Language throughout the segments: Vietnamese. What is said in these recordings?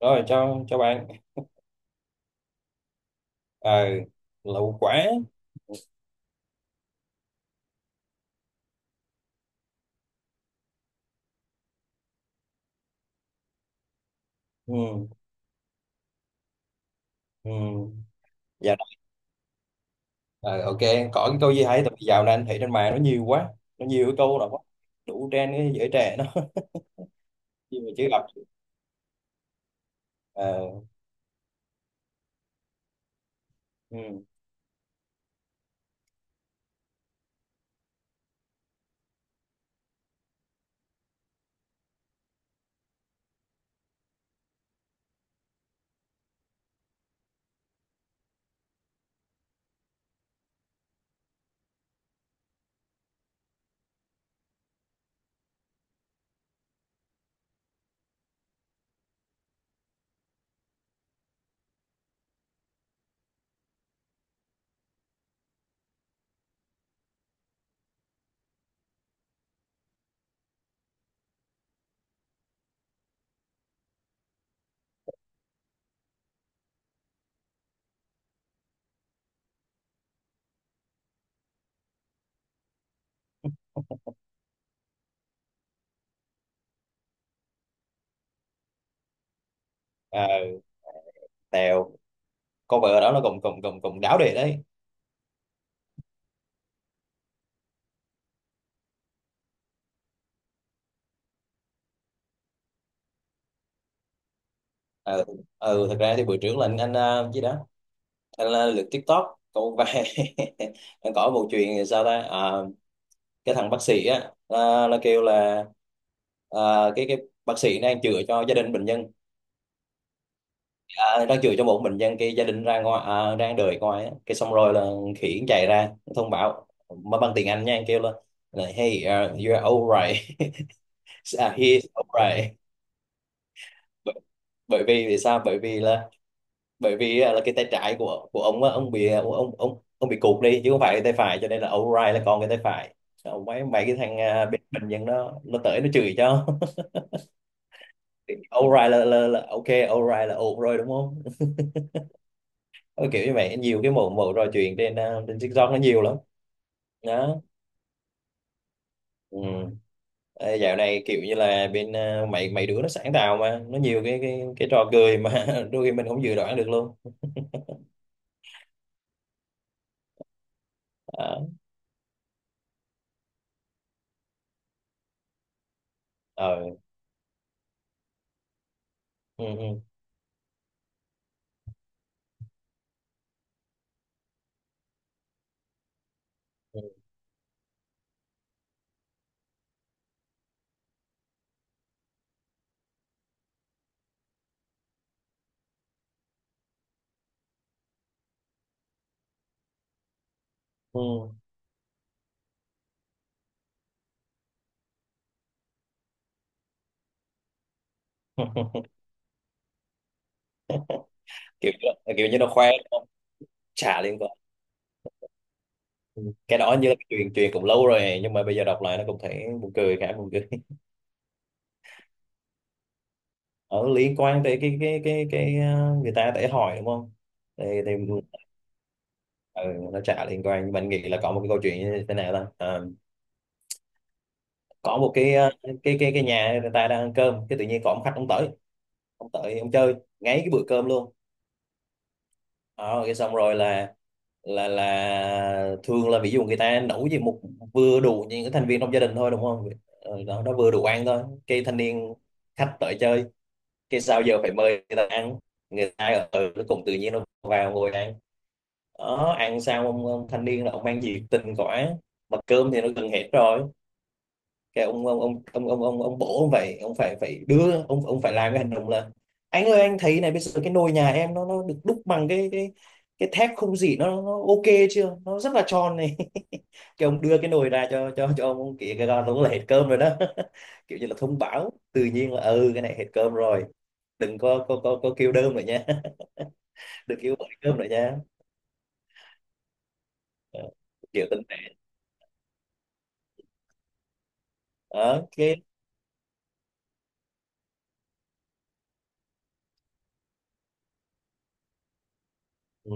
Rồi, cho bạn. ờ Lẩu quả. Ừ. Ừ. Dạ đó. Ờ, ok. Có cái câu gì hay, tại vì dạo này anh thấy trên mạng nó nhiều quá, nó nhiều cái câu là quá đủ trend cái giới trẻ nó nhưng mà chưa gặp. Ờ. Ừ. Ờ, tèo. Cô vợ đó nó cũng cũng cũng cũng đáo đề đấy. Ờ, ừ, thật ra thì bữa trước là anh gì đó, anh lượt TikTok câu vài anh có một chuyện sao ta. Ờ, cái thằng bác sĩ á, nó kêu là cái bác sĩ đang chữa cho gia đình bệnh nhân. À, đang chửi cho một mình dân cái gia đình ra ngoài, à, đang đợi ngoài á. Cái xong rồi là khỉ chạy ra thông báo mà bằng tiếng Anh nha anh, kêu lên là hey, you're alright à, he's alright bởi, bởi vì vì sao, bởi vì là bởi vì á, là cái tay trái của ông á, ông bị ông bị cụt đi chứ không phải cái tay phải, cho nên là alright là còn cái tay phải. Xong mấy mấy cái thằng bên bệnh nhân đó nó tới nó chửi cho alright là ok, alright là ổn rồi đúng không. Ờ, kiểu như vậy nhiều cái mẫu mẫu trò chuyện trên trên TikTok nó nhiều lắm. Đó. Ừ. Ê, dạo này kiểu như là bên mấy mấy đứa nó sáng tạo mà nó nhiều cái trò cười mà đôi khi mình không dự đoán được luôn. Đó. Ờ. Ừ, ừ. Ừ. Ừ. kiểu kiểu như nó khoe nó, trả liên quan. Ừ. Cái đó như là cái chuyện chuyện cũng lâu rồi nhưng mà bây giờ đọc lại nó cũng thấy buồn cười, khá buồn cười ở liên quan tới cái người ta để hỏi đúng không, thì ừ, nó trả liên quan nhưng mình nghĩ là có một cái câu chuyện như thế nào ta. Ờ, có một cái, cái cái nhà người ta đang ăn cơm, cái tự nhiên có một khách ông tới, ông tới ông chơi ngay cái bữa cơm luôn. Ờ, cái xong rồi là là thường là ví dụ người ta nấu gì một vừa đủ những cái thành viên trong gia đình thôi đúng không. Ờ, đó nó vừa đủ ăn thôi cái thanh niên khách tới chơi, cái sao giờ phải mời người ta ăn, người ta ở ở nó cũng tự nhiên nó vào ngồi ăn. Đó ăn xong ông thanh niên là ông mang nhiệt tình quá mà cơm thì nó gần hết rồi. Cái ông bố ông phải, phải đưa ông, phải làm cái hành động là anh ơi anh thấy này, bây giờ cái nồi nhà em nó được đúc bằng cái cái thép không gỉ, nó ok chưa, nó rất là tròn này cái ông đưa cái nồi ra cho cho ông kia, cái con đúng là hết cơm rồi đó kiểu như là thông báo tự nhiên là ừ cái này hết cơm rồi, đừng có kêu đơm nữa nha đừng kêu gọi cơm nữa nha. Ờ, kiểu tình thế đó cái. Ừ,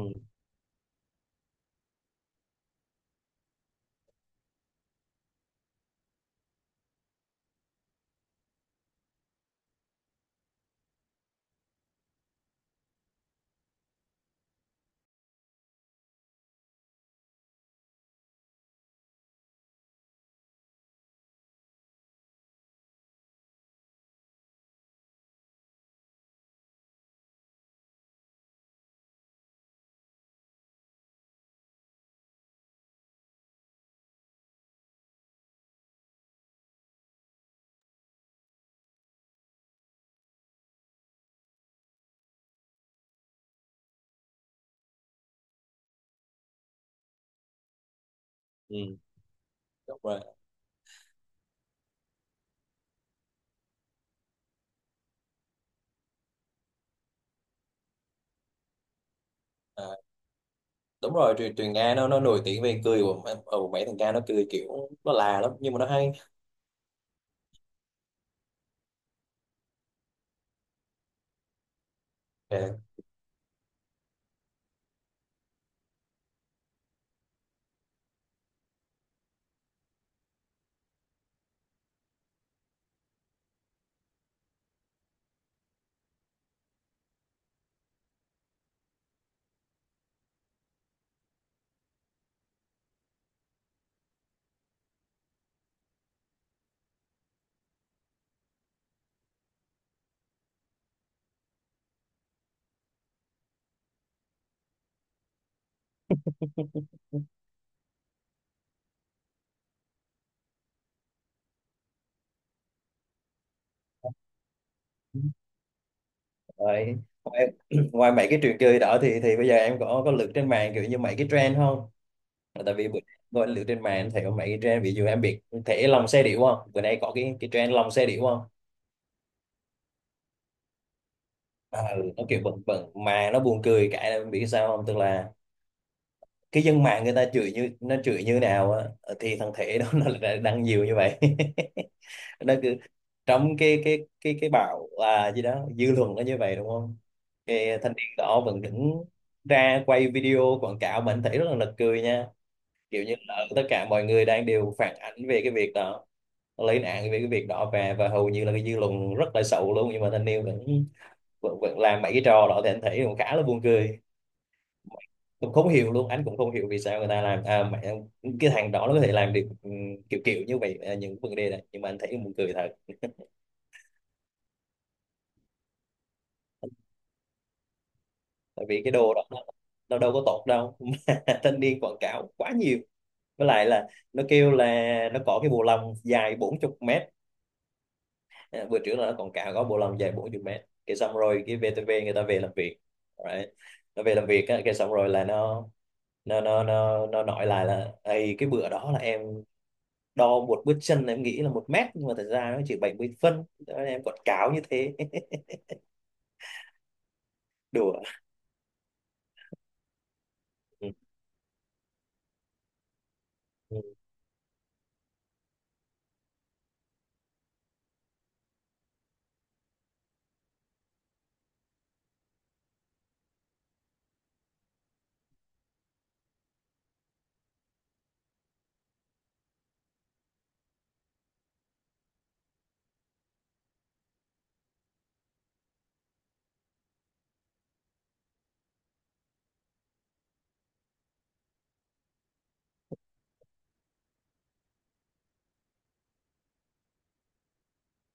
ừ, đúng rồi. Ờ. Đúng rồi, truyền truyền Nga nó nổi tiếng về cười của ừ, mấy thằng Nga nó cười kiểu nó là lắm nhưng mà nó hay. Ờ. Rồi. Ngoài, ngoài mấy cái trò chơi đó thì bây giờ em có lượt trên mạng kiểu như mấy cái trend không? Tại vì bữa gọi lượt trên mạng thì có mấy cái trend, ví dụ em biết thể lòng xe điểu không? Bữa nay có cái trend lòng xe điểu không? À, ừ, nó kiểu bẩn bẩn mà nó buồn cười, cái em biết sao không? Tức là cái dân mạng người ta chửi, như nó chửi như nào á, thì thằng thể đó nó lại đăng nhiều như vậy. nó cứ trong cái bạo, gì đó, dư luận nó như vậy đúng không, cái thanh niên đó vẫn đứng ra quay video quảng cáo, mình thấy rất là nực cười nha. Kiểu như là tất cả mọi người đang đều phản ánh về cái việc đó, lấy nạn về cái việc đó, về và hầu như là cái dư luận rất là xấu luôn, nhưng mà thanh niên vẫn vẫn làm mấy cái trò đó thì anh thấy cũng khá là buồn cười, cũng không hiểu luôn, anh cũng không hiểu vì sao người ta làm, à, mẹ, cái thằng đó nó có thể làm được ừ, kiểu kiểu như vậy, những vấn đề này nhưng mà anh thấy buồn cười thật. Tại vì cái đồ đó nó đâu có tốt đâu mà thanh niên quảng cáo quá nhiều, với lại là nó kêu là nó có cái bộ lòng dài 40 mét. À, bữa trước là nó quảng cáo có bộ lòng dài 40 mét, cái xong rồi cái VTV người ta về làm việc, right. Nó về làm việc á, cái xong rồi là nó nó nói lại là ây, cái bữa đó là em đo một bước chân em nghĩ là 1 mét nhưng mà thật ra nó chỉ 70 phân. Thế em quảng cáo như thế đùa. Ừ. Ừ,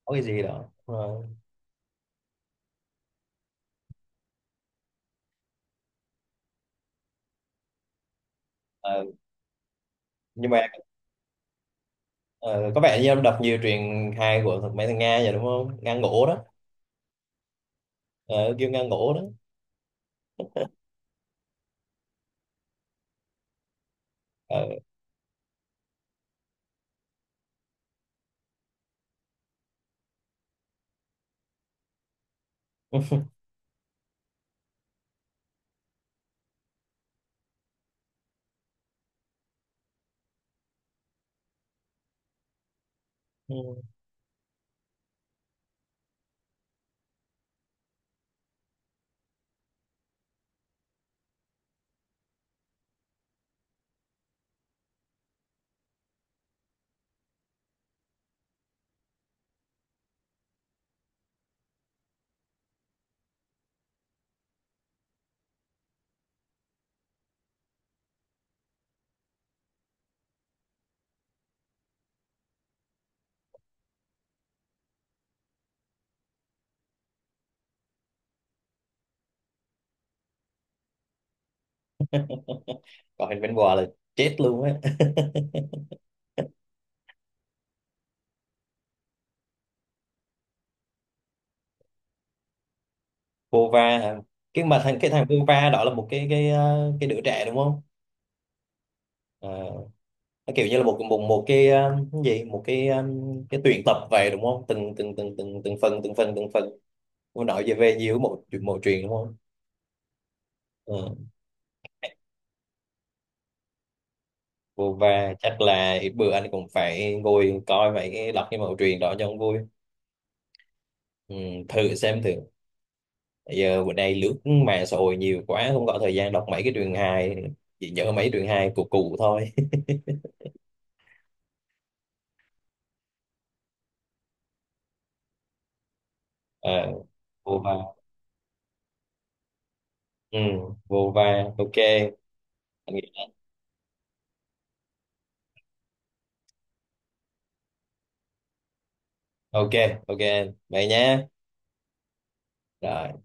có cái gì đó. Ờ, ờ, nhưng mà. Ờ, có vẻ như ông đọc nhiều truyện hài của thằng mấy thằng Nga vậy đúng không? Nga ngổ đó, ờ, kêu Nga ngổ đó. Ờ. Còn hình bên bò là chết luôn á Vova hả? Cái mà thằng cái thằng Vova đó là một cái cái đứa trẻ đúng không? Ờ, nó kiểu như là một một một cái, cái gì, một cái, cái tuyển tập về đúng không? Từng từng từng từng từng phần, từng phần. Nó nói về về nhiều một một truyện đúng không? Ờ, vô. Chắc là ít bữa anh cũng phải ngồi coi mấy cái, đọc cái mẫu truyện đó cho ông vui. Ừ, thử xem thử. Bây giờ bữa nay lướt mạng xã hội nhiều quá không có thời gian đọc mấy cái truyền hài, chỉ nhớ mấy truyền hài của cụ thôi. À, vô va. Ừ, vô va. Ok. Anh nghĩ- ok. Ok, vậy nhé. Rồi.